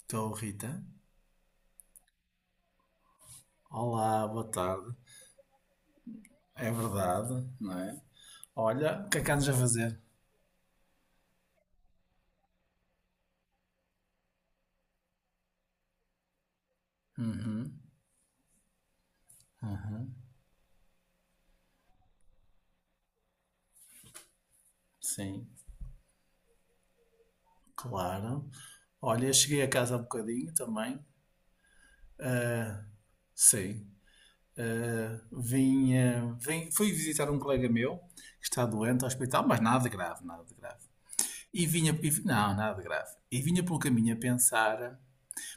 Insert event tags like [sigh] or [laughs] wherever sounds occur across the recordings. Estou, Rita. Olá, boa tarde. É verdade, não é? Olha, o que é que andas a fazer? Uhum, sim, claro. Olha, eu cheguei a casa há bocadinho também. Sim. Fui visitar um colega meu que está doente ao hospital, mas nada de grave, nada de grave. E vinha, não, nada de grave. E vinha pelo caminho a pensar.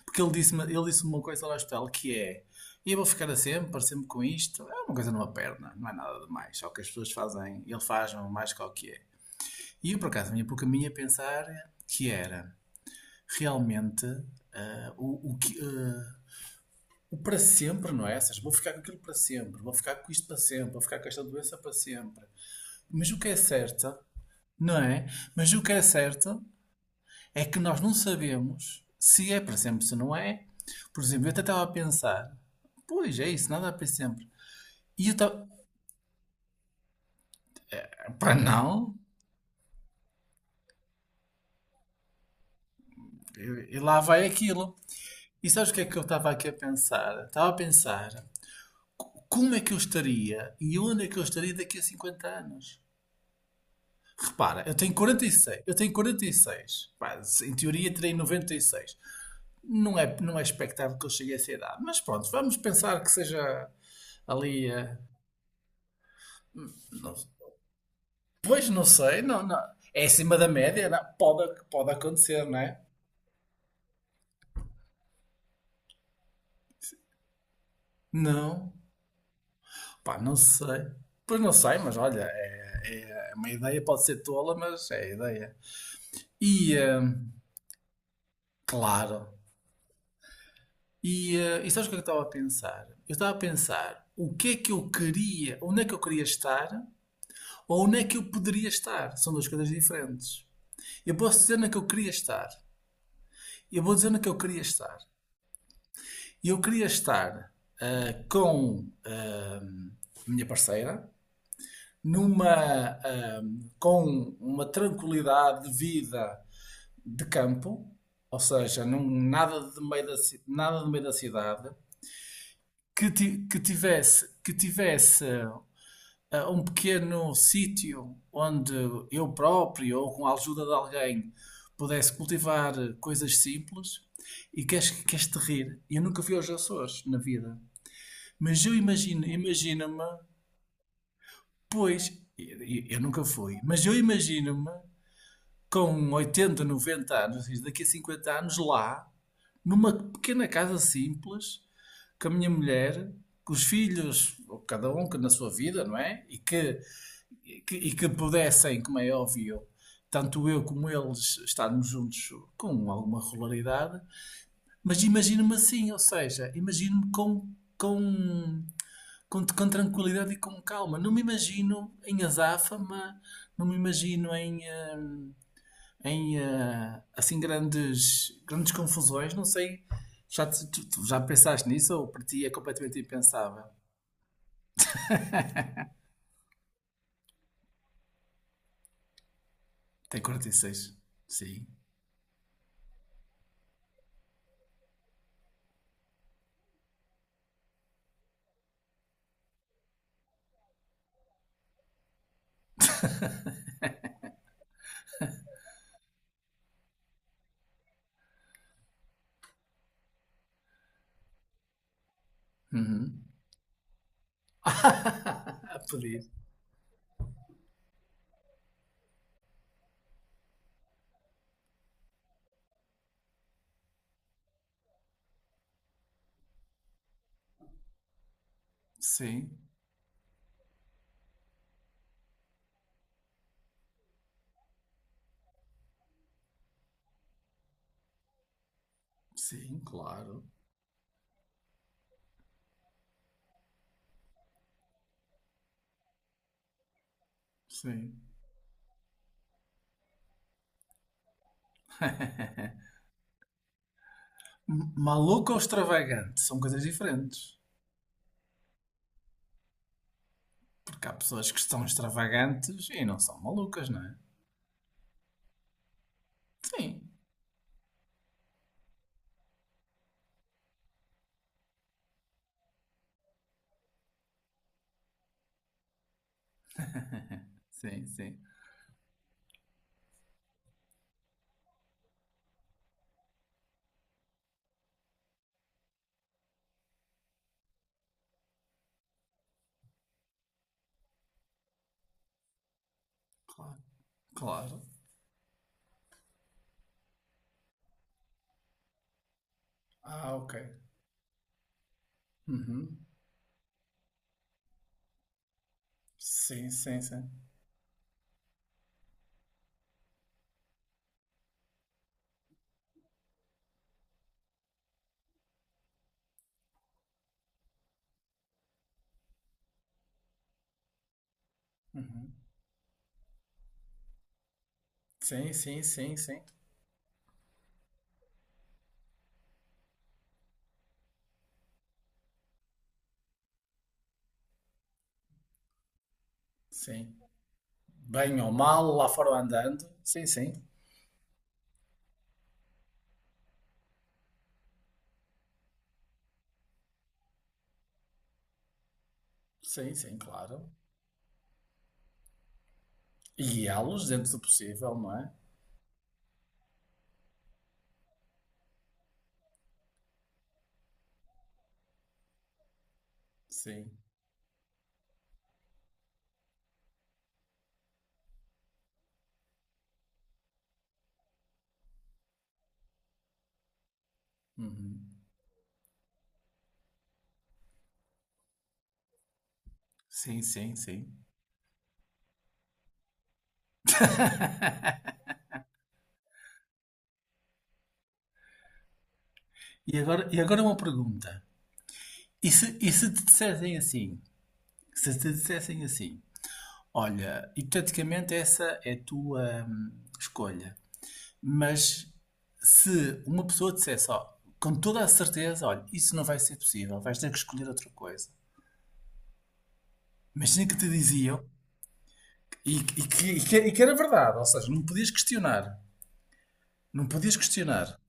Porque ele disse uma coisa lá hospital que é. E eu vou ficar a sempre, sempre com isto. É uma coisa numa perna, não é nada demais. Só que as pessoas fazem, ele faz mais que o que é. E eu, por acaso, vinha para o caminho a pensar que era realmente, ah, o, o que. ah, o para sempre, não é? Ou seja, vou ficar com aquilo para sempre, vou ficar com isto para sempre, vou ficar com esta doença para sempre. Mas o que é certo, não é? Mas o que é certo é que nós não sabemos se é para sempre, se não é. Por exemplo, eu até estava a pensar, pois é isso, nada é para sempre. E eu estava, para não, e lá vai aquilo. E sabes o que é que eu estava aqui a pensar? Estava a pensar como é que eu estaria e onde é que eu estaria daqui a 50 anos. Repara, eu tenho 46. Eu tenho 46. Pá, em teoria terei 96. Não é expectável que eu chegue a essa idade, mas pronto, vamos pensar que seja ali, não- Pois não sei, não, não. É acima da média, não. Pode acontecer, não é? Não, pá, não sei. Pois não sei, mas olha, é uma ideia, pode ser tola, mas é a ideia. E, hum, Claro. E sabes o que é que eu estava a pensar? Eu estava a pensar o que é que eu queria, onde é que eu queria estar ou onde é que eu poderia estar. São duas coisas diferentes. Eu posso dizer onde é que eu queria estar. Eu vou dizer onde é que eu queria estar. E eu queria estar com a minha parceira numa, ah, com uma tranquilidade de vida de campo, ou seja, num, nada, de meio da, nada de meio da cidade, que tivesse um pequeno sítio onde eu próprio ou com a ajuda de alguém pudesse cultivar coisas simples. E queres, queres te rir? Eu nunca fui aos Açores na vida. Mas eu imagino, imagino-me, pois, eu, eu nunca fui, mas eu imagino-me com 80, 90 anos, isto daqui a 50 anos, lá, numa pequena casa simples, com a minha mulher, com os filhos, ou cada um que na sua vida, não é? E que pudessem, como é óbvio, tanto eu como eles estarmos juntos com alguma regularidade, mas imagino-me assim, ou seja, imagino-me com com tranquilidade e com calma. Não me imagino em azáfama, não me imagino hum, em assim grandes, grandes confusões. Não sei, tu já pensaste nisso ou para ti é completamente impensável? Tem 46. Sim. Uhum. [laughs] A pedir. Sim, sim, claro. Sim. Maluco ou extravagante são coisas diferentes. Porque há pessoas que são extravagantes e não são malucas, não é? Sim, sim, sim. Claro, claro. Ah, ok. Uhum. Sim, sim, sim. Sim, sim, sim, sim. Sim. Bem ou mal, lá foram andando. Sim, sim. Sim, sim, claro. E guiá-los dentro do possível, não é? Sim. Uhum. Sim, sim, sim. E agora uma pergunta. E se te dissessem assim? Se te dissessem assim, olha, hipoteticamente essa é a tua escolha. Mas se uma pessoa dissesse, ó, com toda a certeza, olha, isso não vai ser possível, vais ter que escolher outra coisa. Imagina que te diziam, e que era verdade, ou seja, não podias questionar. Não podias questionar.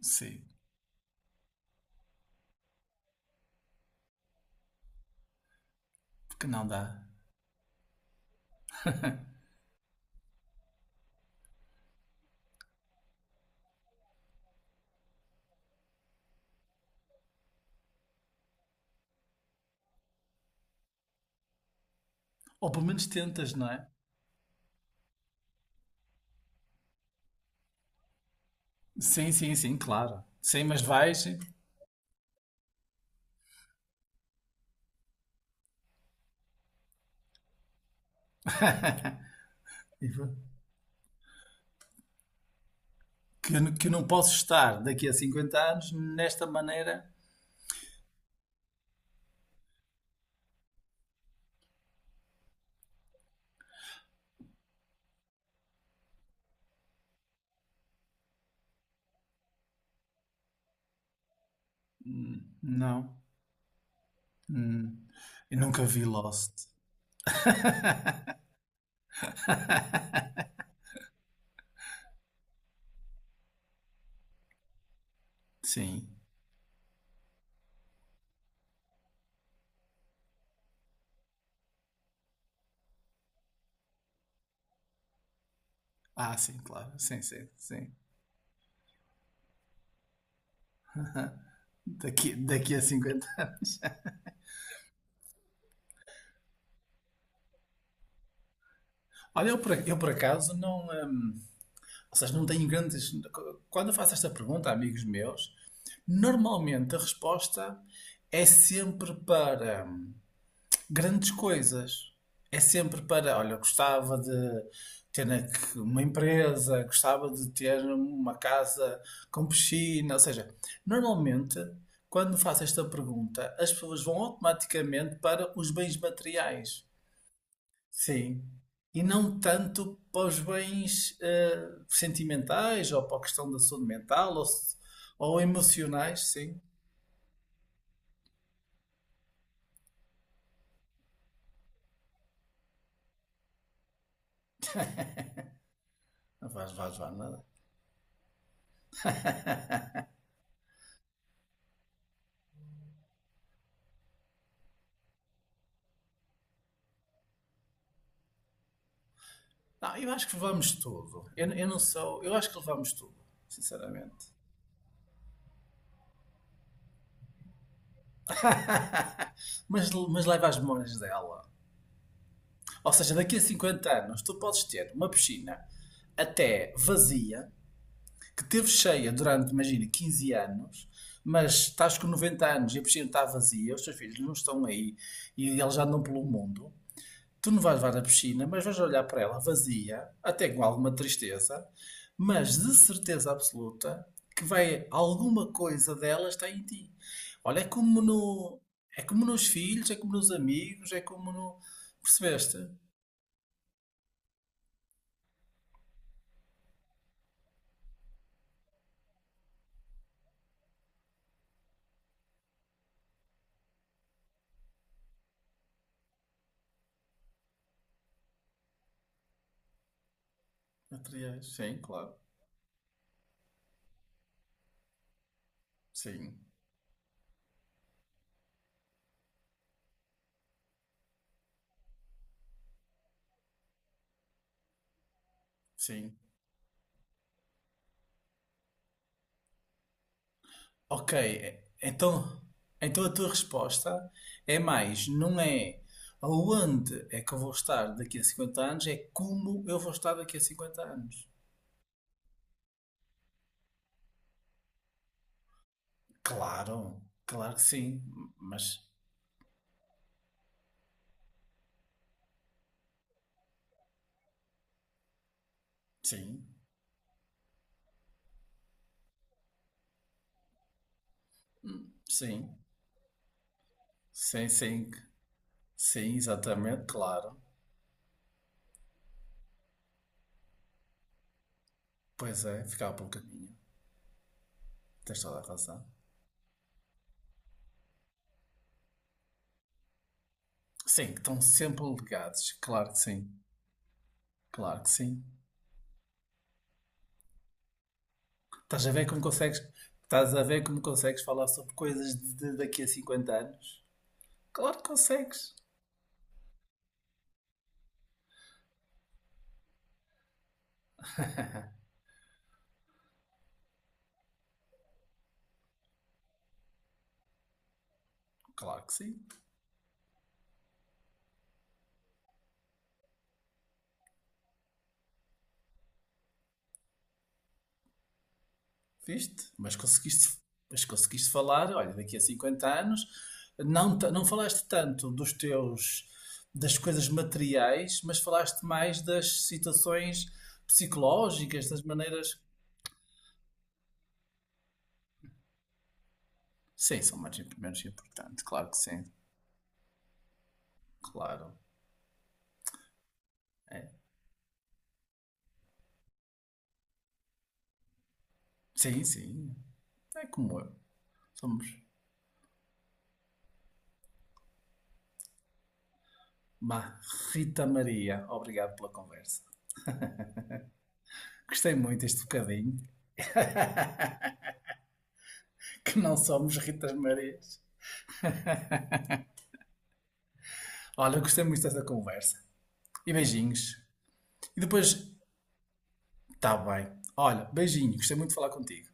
Sim, porque não dá. Ou pelo menos tentas, não é? Sim, sim, sim, claro. Sim, mas vais. E vá. Que eu não posso estar daqui a 50 anos nesta maneira. Não. Hum. Eu nunca vi Lost. Sim. Ah, sim, claro. Sim, sim, sim. Daqui a cinquenta anos. Olha, eu por acaso não. Ou seja, não tenho grandes. Quando eu faço esta pergunta a amigos meus, normalmente a resposta é sempre para grandes coisas. É sempre para, olha, gostava de ter aqui uma empresa, gostava de ter uma casa com piscina. Ou seja, normalmente, quando faço esta pergunta, as pessoas vão automaticamente para os bens materiais. Sim. E não tanto para os bens sentimentais ou para a questão da saúde mental ou, ou emocionais, sim. Vá, vá, vá. Não, eu acho que levamos tudo. Eu não sou. Eu acho que levamos tudo, sinceramente. [laughs] Mas leva as memórias dela. Ou seja, daqui a 50 anos tu podes ter uma piscina até vazia, que teve cheia durante, imagina, 15 anos, mas estás com 90 anos e a piscina está vazia, os teus filhos não estão aí e eles já andam pelo mundo. Tu não vais levar na piscina, mas vais olhar para ela vazia, até com alguma tristeza, mas de certeza absoluta que vai alguma coisa dela está em ti. Olha, é como no, é como nos filhos, é como nos amigos, é como no, percebeste? Materiais, sim, claro. Sim, sim. Ok, então a tua resposta é mais, não é aonde é que eu vou estar daqui a 50 anos, é como eu vou estar daqui a 50 anos. Claro, claro que sim, mas sim, sim, sim, sim, sim, exatamente, claro. Pois é, ficava pelo caminho, tens toda a razão. Sim, que estão sempre ligados, claro que sim, claro que sim. Estás a ver como consegues, estás a ver como consegues falar sobre coisas de daqui a 50 anos? Claro que consegues, claro que sim. Viste? Mas conseguiste falar, olha, daqui a 50 anos, não, não falaste tanto das coisas materiais, mas falaste mais das situações psicológicas, das maneiras. Sim, são mais menos importantes, claro que sim, claro. É. Sim, sim, é como eu. Somos uma Rita Maria. Obrigado pela conversa. Gostei muito deste bocadinho, que não somos Ritas Marias. Olha, gostei muito desta conversa. E beijinhos. E depois, tá bem. Olha, beijinho, gostei muito de falar contigo.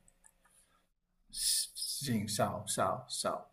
Beijinho, tchau, tchau, tchau.